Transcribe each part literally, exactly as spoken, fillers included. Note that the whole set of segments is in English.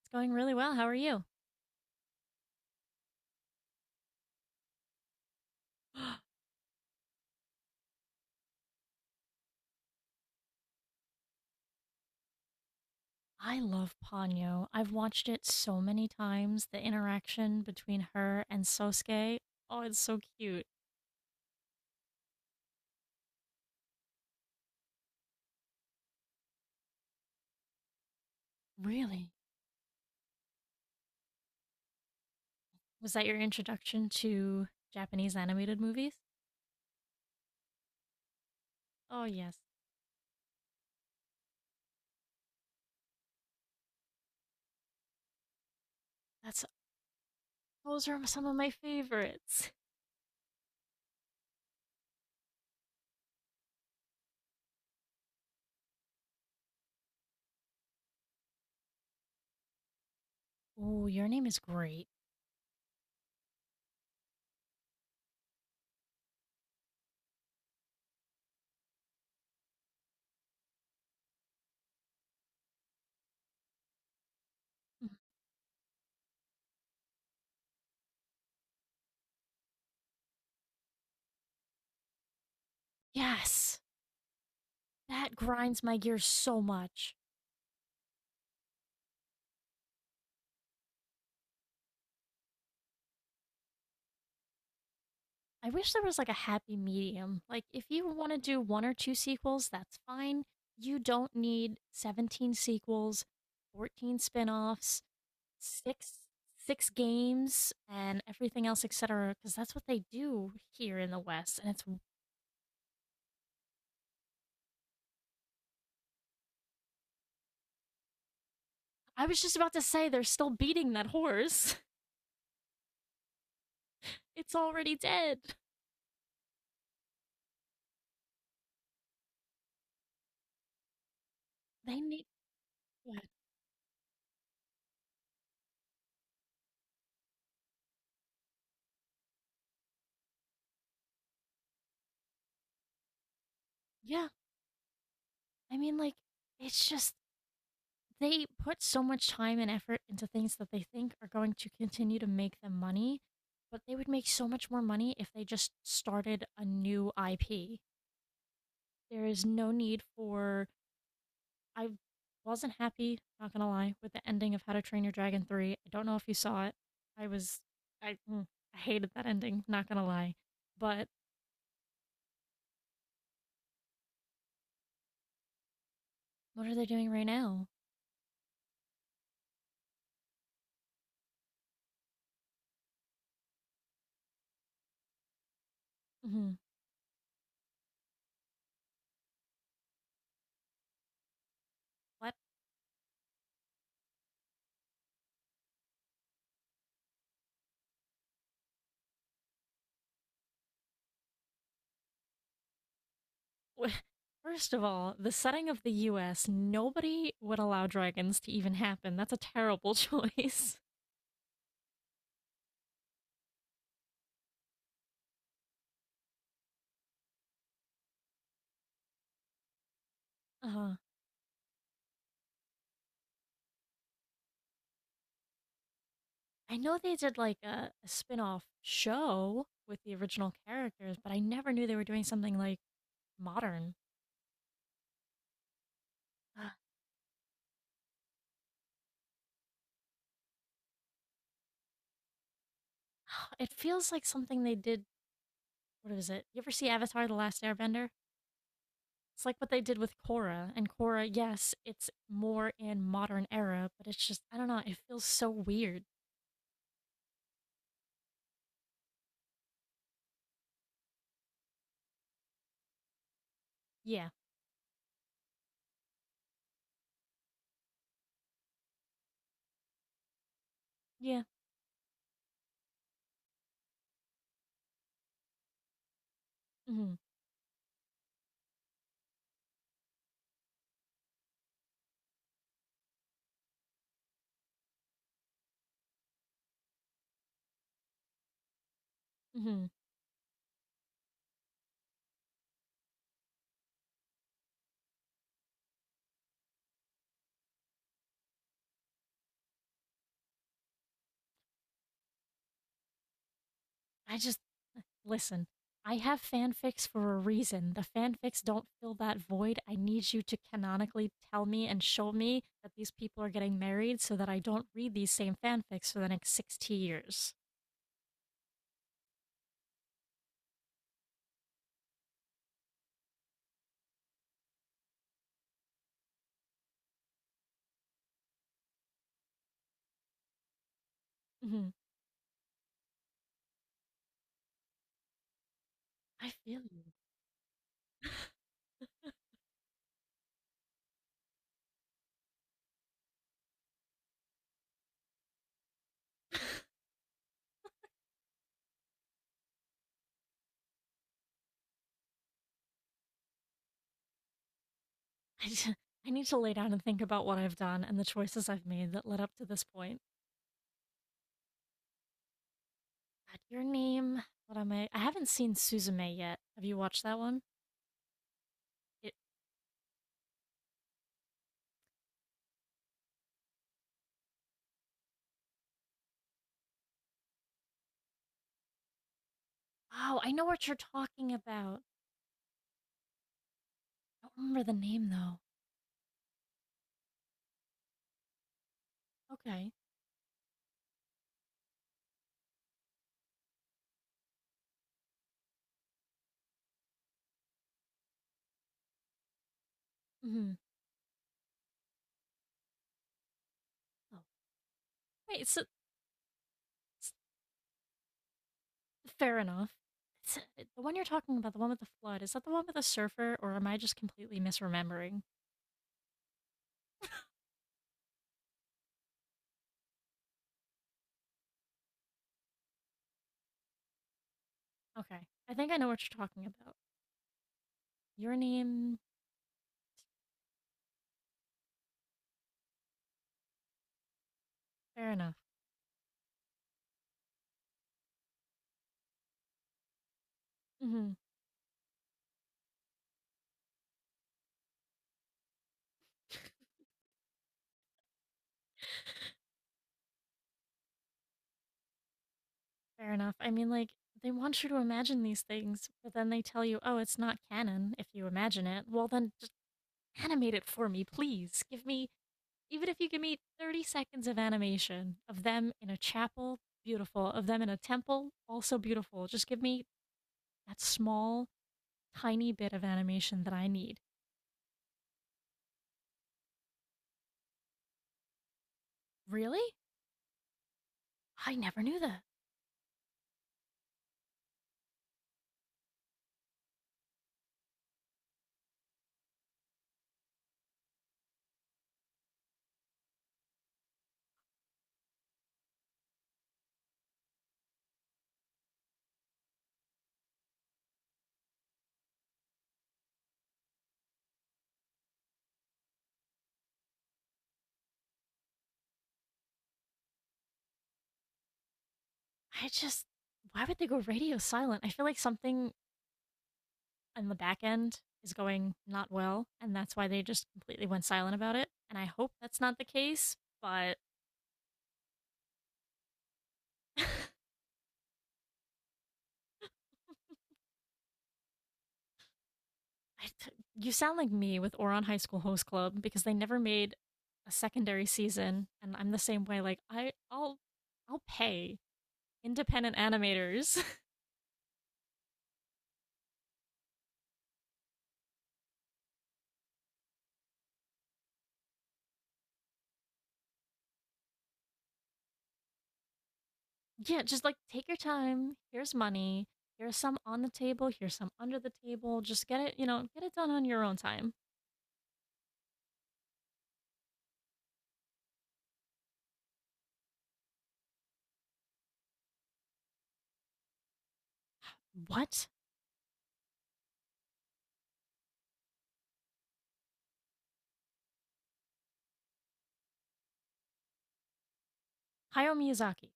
It's going really well. How are you? I love Ponyo. I've watched it so many times. The interaction between her and Sosuke. Oh, it's so cute. Really? Was that your introduction to Japanese animated movies? Oh, yes. That's Those are some of my favorites. Oh, your name is great. Mm. Yes. That grinds my gears so much. I wish there was like a happy medium. Like, if you want to do one or two sequels, that's fine. You don't need seventeen sequels, fourteen spin-offs, six six games and everything else, et cetera, because that's what they do here in the West. And it's I was just about to say they're still beating that horse. It's already dead. They need yeah. yeah. I mean, like, it's just they put so much time and effort into things that they think are going to continue to make them money, but they would make so much more money if they just started a new I P. There is no need for. I wasn't happy, not gonna lie, with the ending of How to Train Your Dragon three. I don't know if you saw it. I was. I, mm, I hated that ending, not gonna lie. But what are they doing right now? Hmm. Why? First of all, the setting of the U S, nobody would allow dragons to even happen. That's a terrible choice. Uh, I know they did like a, a spin off show with the original characters, but I never knew they were doing something like modern. Uh, It feels like something they did. What is it? You ever see Avatar The Last Airbender? It's like what they did with Korra. And Korra, yes, it's more in modern era, but it's just, I don't know, it feels so weird. Yeah. Yeah. Mm hmm. Mm hmm. I just uh, listen. I have fanfics for a reason. The fanfics don't fill that void. I need you to canonically tell me and show me that these people are getting married so that I don't read these same fanfics for the next sixty years. Hmm. I feel you. I, just, I need to lay down and think about what I've done and the choices I've made that led up to this point. God, your name. What am I? I haven't seen Suzume yet. Have you watched that one? It. Oh, I know what you're talking about. I don't remember the name though. Okay. Mhm. Oh, wait, so s- fair enough. S- The one you're talking about, the one with the flood, is that the one with the surfer, or am I just completely misremembering? Okay, I think I know what you're talking about. Your name, fair enough. Hmm. Fair enough. I mean, like, they want you to imagine these things, but then they tell you, oh, it's not canon if you imagine it. Well, then just animate it for me, please. Give me, even if you give me thirty seconds of animation of them in a chapel, beautiful, of them in a temple, also beautiful. Just give me that small tiny bit of animation that I need. Really? I never knew that. I just, why would they go radio silent? I feel like something in the back end is going not well, and that's why they just completely went silent about it. And I hope that's not the case, but I t- you sound like me with Oron High School Host Club because they never made a secondary season, and I'm the same way. Like I, I'll, I'll pay independent animators. Yeah, just like take your time. Here's money. Here's some on the table. Here's some under the table. Just get it, you know, get it done on your own time. What? Hayao Miyazaki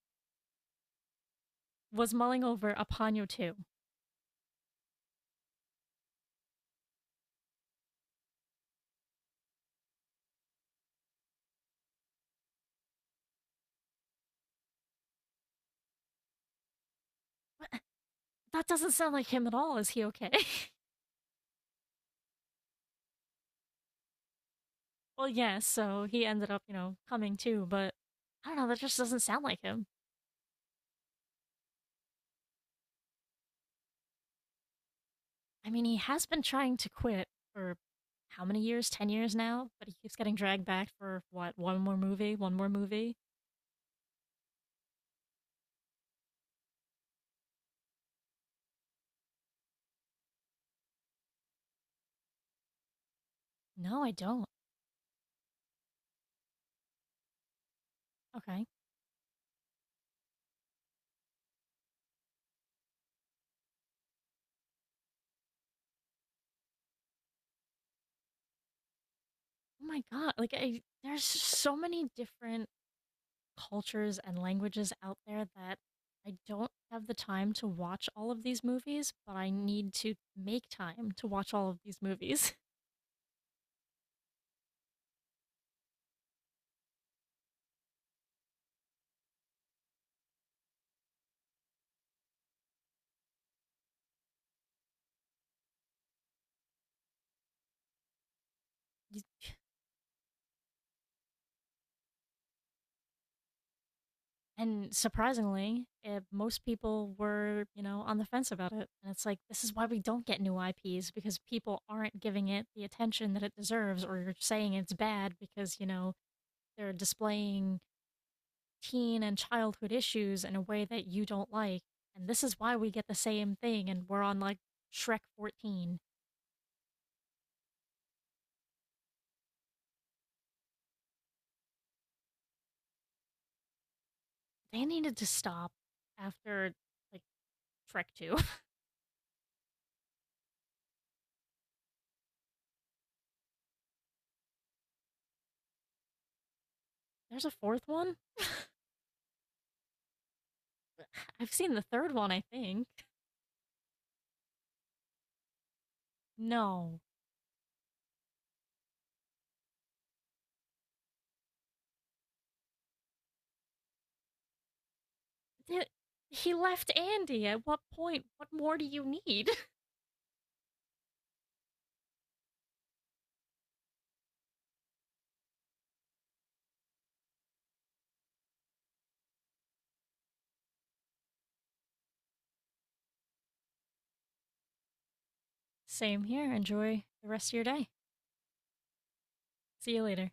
was mulling over a Ponyo two. That doesn't sound like him at all. Is he okay? Well, yes. So he ended up, you know, coming too, but I don't know. That just doesn't sound like him. I mean, he has been trying to quit for how many years? ten years now? But he keeps getting dragged back for what? One more movie? One more movie? No, I don't. Okay. Oh my god, like I there's so many different cultures and languages out there that I don't have the time to watch all of these movies, but I need to make time to watch all of these movies. And surprisingly, eh, most people were, you know, on the fence about it. And it's like, this is why we don't get new I Ps because people aren't giving it the attention that it deserves, or you're saying it's bad because, you know, they're displaying teen and childhood issues in a way that you don't like, and this is why we get the same thing, and we're on like Shrek fourteen. They needed to stop after like Shrek two. There's a fourth one? I've seen the third one, I think. No. Th- He left Andy. At what point? What more do you need? Same here. Enjoy the rest of your day. See you later.